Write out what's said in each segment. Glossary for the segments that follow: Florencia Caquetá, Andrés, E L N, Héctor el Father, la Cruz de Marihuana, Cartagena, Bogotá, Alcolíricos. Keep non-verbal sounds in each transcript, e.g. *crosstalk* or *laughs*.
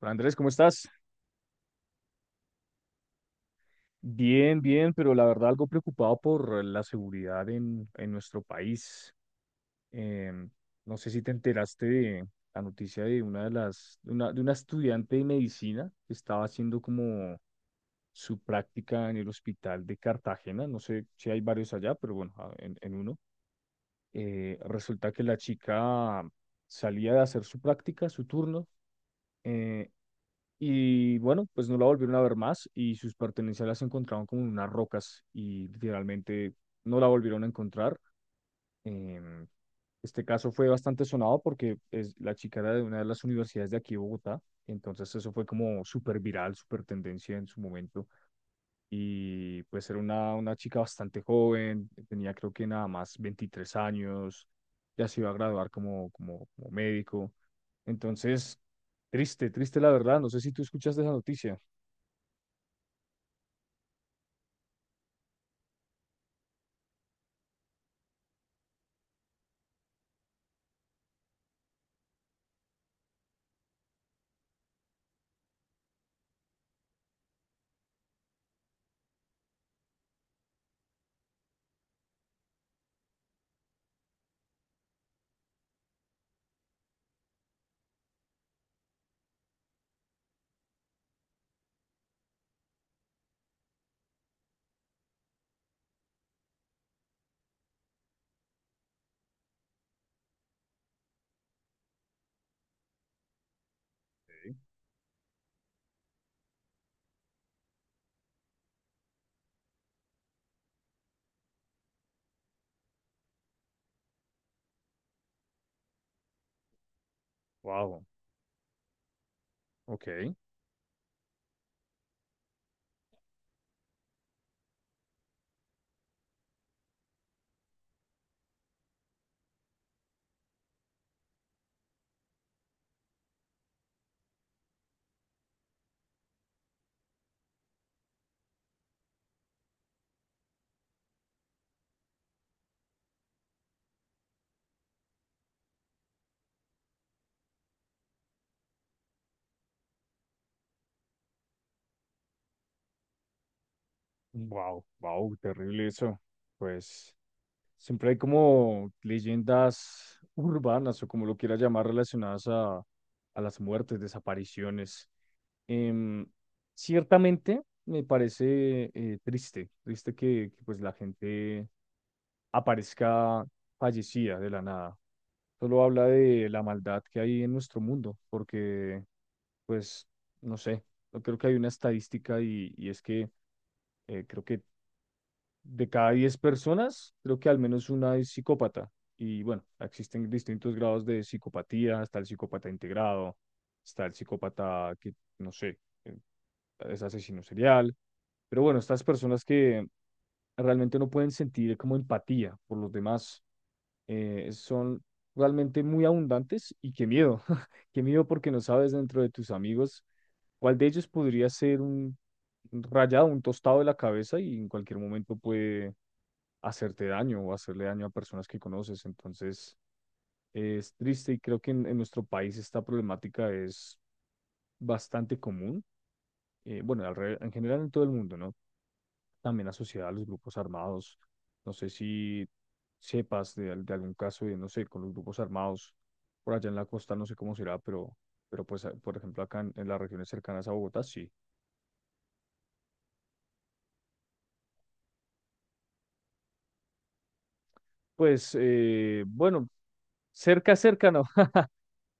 Hola, Andrés, ¿cómo estás? Bien, bien, pero la verdad algo preocupado por la seguridad en nuestro país. Em, no sé si te enteraste de la noticia de una estudiante de medicina que estaba haciendo como su práctica en el hospital de Cartagena. No sé si hay varios allá, pero bueno, en uno. Resulta que la chica salía de hacer su práctica, su turno, eh, y bueno, pues no la volvieron a ver más y sus pertenencias las encontraron como en unas rocas y literalmente no la volvieron a encontrar. Em, este caso fue bastante sonado porque es, la chica era de una de las universidades de aquí de Bogotá, entonces eso fue como súper viral, súper tendencia en su momento. Y pues era una chica bastante joven, tenía creo que nada más 23 años, ya se iba a graduar como médico. Entonces, triste, triste la verdad, no sé si tú escuchaste esa noticia. Wow, ok. Wow, wow, terrible eso. Pues. Siempre hay como leyendas urbanas o como lo quiera llamar relacionadas a las muertes, desapariciones. Em, Ciertamente me parece triste, triste que, pues la gente aparezca fallecida de la nada. Solo habla de la maldad que hay en nuestro mundo, porque pues no sé, yo creo que hay una estadística y es que creo que de cada 10 personas, creo que al menos una es psicópata. Y bueno, existen distintos grados de psicopatía, está el psicópata integrado, está el psicópata que, no sé, eh, es asesino serial. Pero bueno, estas personas que realmente no pueden sentir como empatía por los demás, son realmente muy abundantes y qué miedo, *laughs* qué miedo porque no sabes dentro de tus amigos cuál de ellos podría ser un rayado, un tostado de la cabeza y en cualquier momento puede hacerte daño o hacerle daño a personas que conoces. Entonces, es triste y creo que en nuestro país esta problemática es bastante común. Bueno, en general en todo el mundo, ¿no? También asociada a los grupos armados. No sé si sepas de algún caso de, no sé, con los grupos armados por allá en la costa, no sé cómo será, pero, pues, por ejemplo, acá en las regiones cercanas a Bogotá, sí. Pues, bueno, cerca, cerca, no.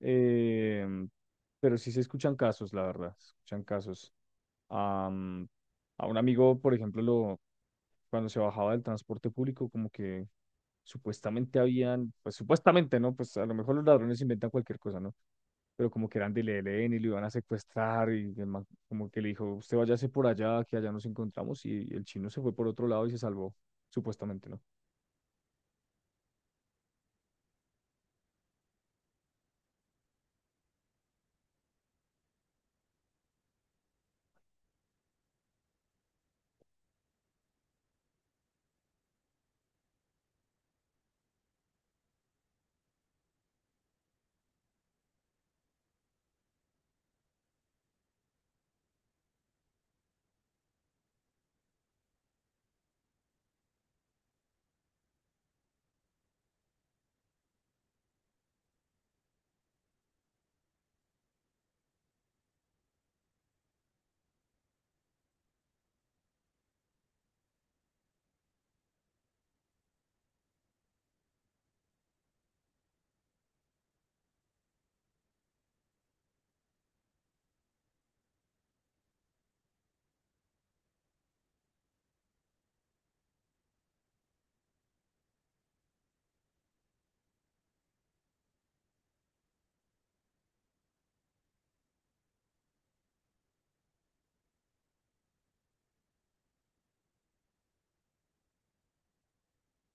Eh, pero sí se escuchan casos, la verdad, se escuchan casos. Am, a un amigo, por ejemplo, cuando se bajaba del transporte público, como que supuestamente habían, pues supuestamente, ¿no? Pues a lo mejor los ladrones inventan cualquier cosa, ¿no? Pero como que eran del ELN y lo iban a secuestrar y el man como que le dijo, usted váyase por allá, que allá nos encontramos y el chino se fue por otro lado y se salvó, supuestamente, ¿no?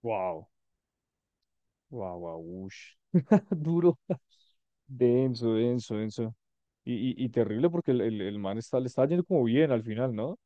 Wow. Wow, wow, ush. *laughs* Duro. Denso, denso, denso. Y terrible porque el man está, le está yendo como bien al final, ¿no?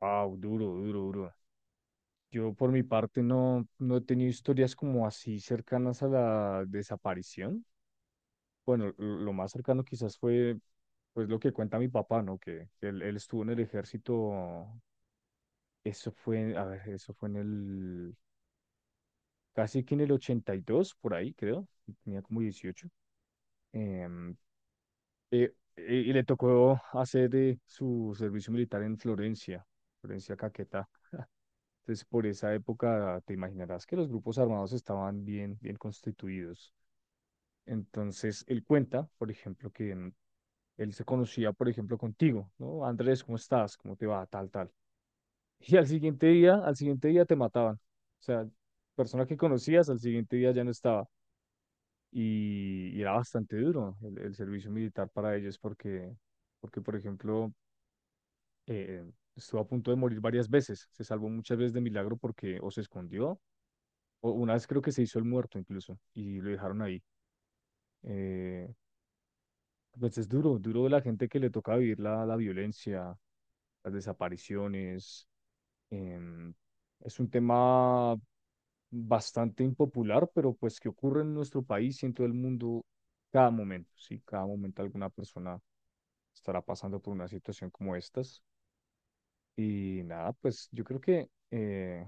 Wow, duro, duro, duro. Yo por mi parte no he tenido historias como así cercanas a la desaparición. Bueno, lo más cercano quizás fue pues lo que cuenta mi papá, ¿no? Que él estuvo en el ejército, eso fue, a ver, eso fue casi que en el 82 por ahí, creo, tenía como 18. Em, y le tocó hacer su servicio militar en Florencia, Florencia Caquetá. *laughs* Entonces, por esa época, te imaginarás que los grupos armados estaban bien, bien constituidos. Entonces, él cuenta, por ejemplo, él se conocía, por ejemplo, contigo, ¿no? Andrés, ¿cómo estás? ¿Cómo te va? Tal, tal. Y al siguiente día te mataban. O sea, persona que conocías, al siguiente día ya no estaba y era bastante duro el servicio militar para ellos porque, por ejemplo, eh, estuvo a punto de morir varias veces, se salvó muchas veces de milagro porque o se escondió, o una vez creo que se hizo el muerto incluso, y lo dejaron ahí. Eh, pues es duro, duro de la gente que le toca vivir la violencia, las desapariciones. em, es un tema bastante impopular, pero pues que ocurre en nuestro país y en todo el mundo cada momento, sí, cada momento alguna persona estará pasando por una situación como estas. Y nada, pues yo creo que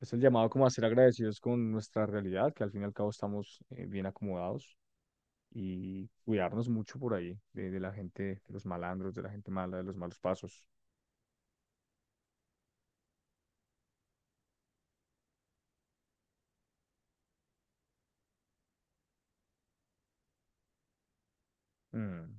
es el llamado como a ser agradecidos con nuestra realidad, que al fin y al cabo estamos bien acomodados y cuidarnos mucho por ahí de la gente, de los malandros, de la gente mala, de los malos pasos. Mm.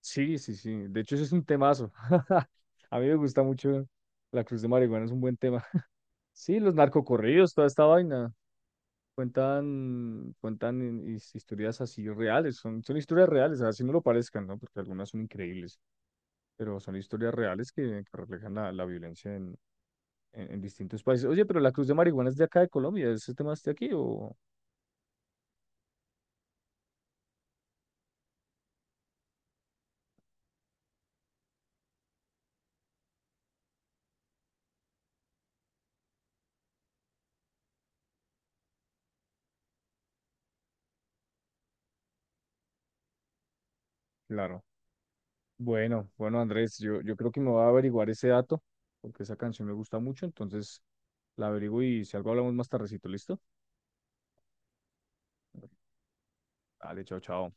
Sí, sí, sí. De hecho, ese es un temazo. *laughs* A mí me gusta mucho la Cruz de Marihuana, es un buen tema. Sí, los narcocorridos, toda esta vaina. Cuentan historias así reales, son historias reales, así no lo parezcan, ¿no? Porque algunas son increíbles, pero son historias reales que reflejan la violencia en, en distintos países. Oye, pero la Cruz de Marihuana es de acá de Colombia, ¿ese tema es de aquí o...? Claro. Bueno, bueno, Andrés, yo creo que me voy a averiguar ese dato, porque esa canción me gusta mucho, entonces la averiguo y si algo hablamos más tardecito, ¿listo? Dale, chao, chao.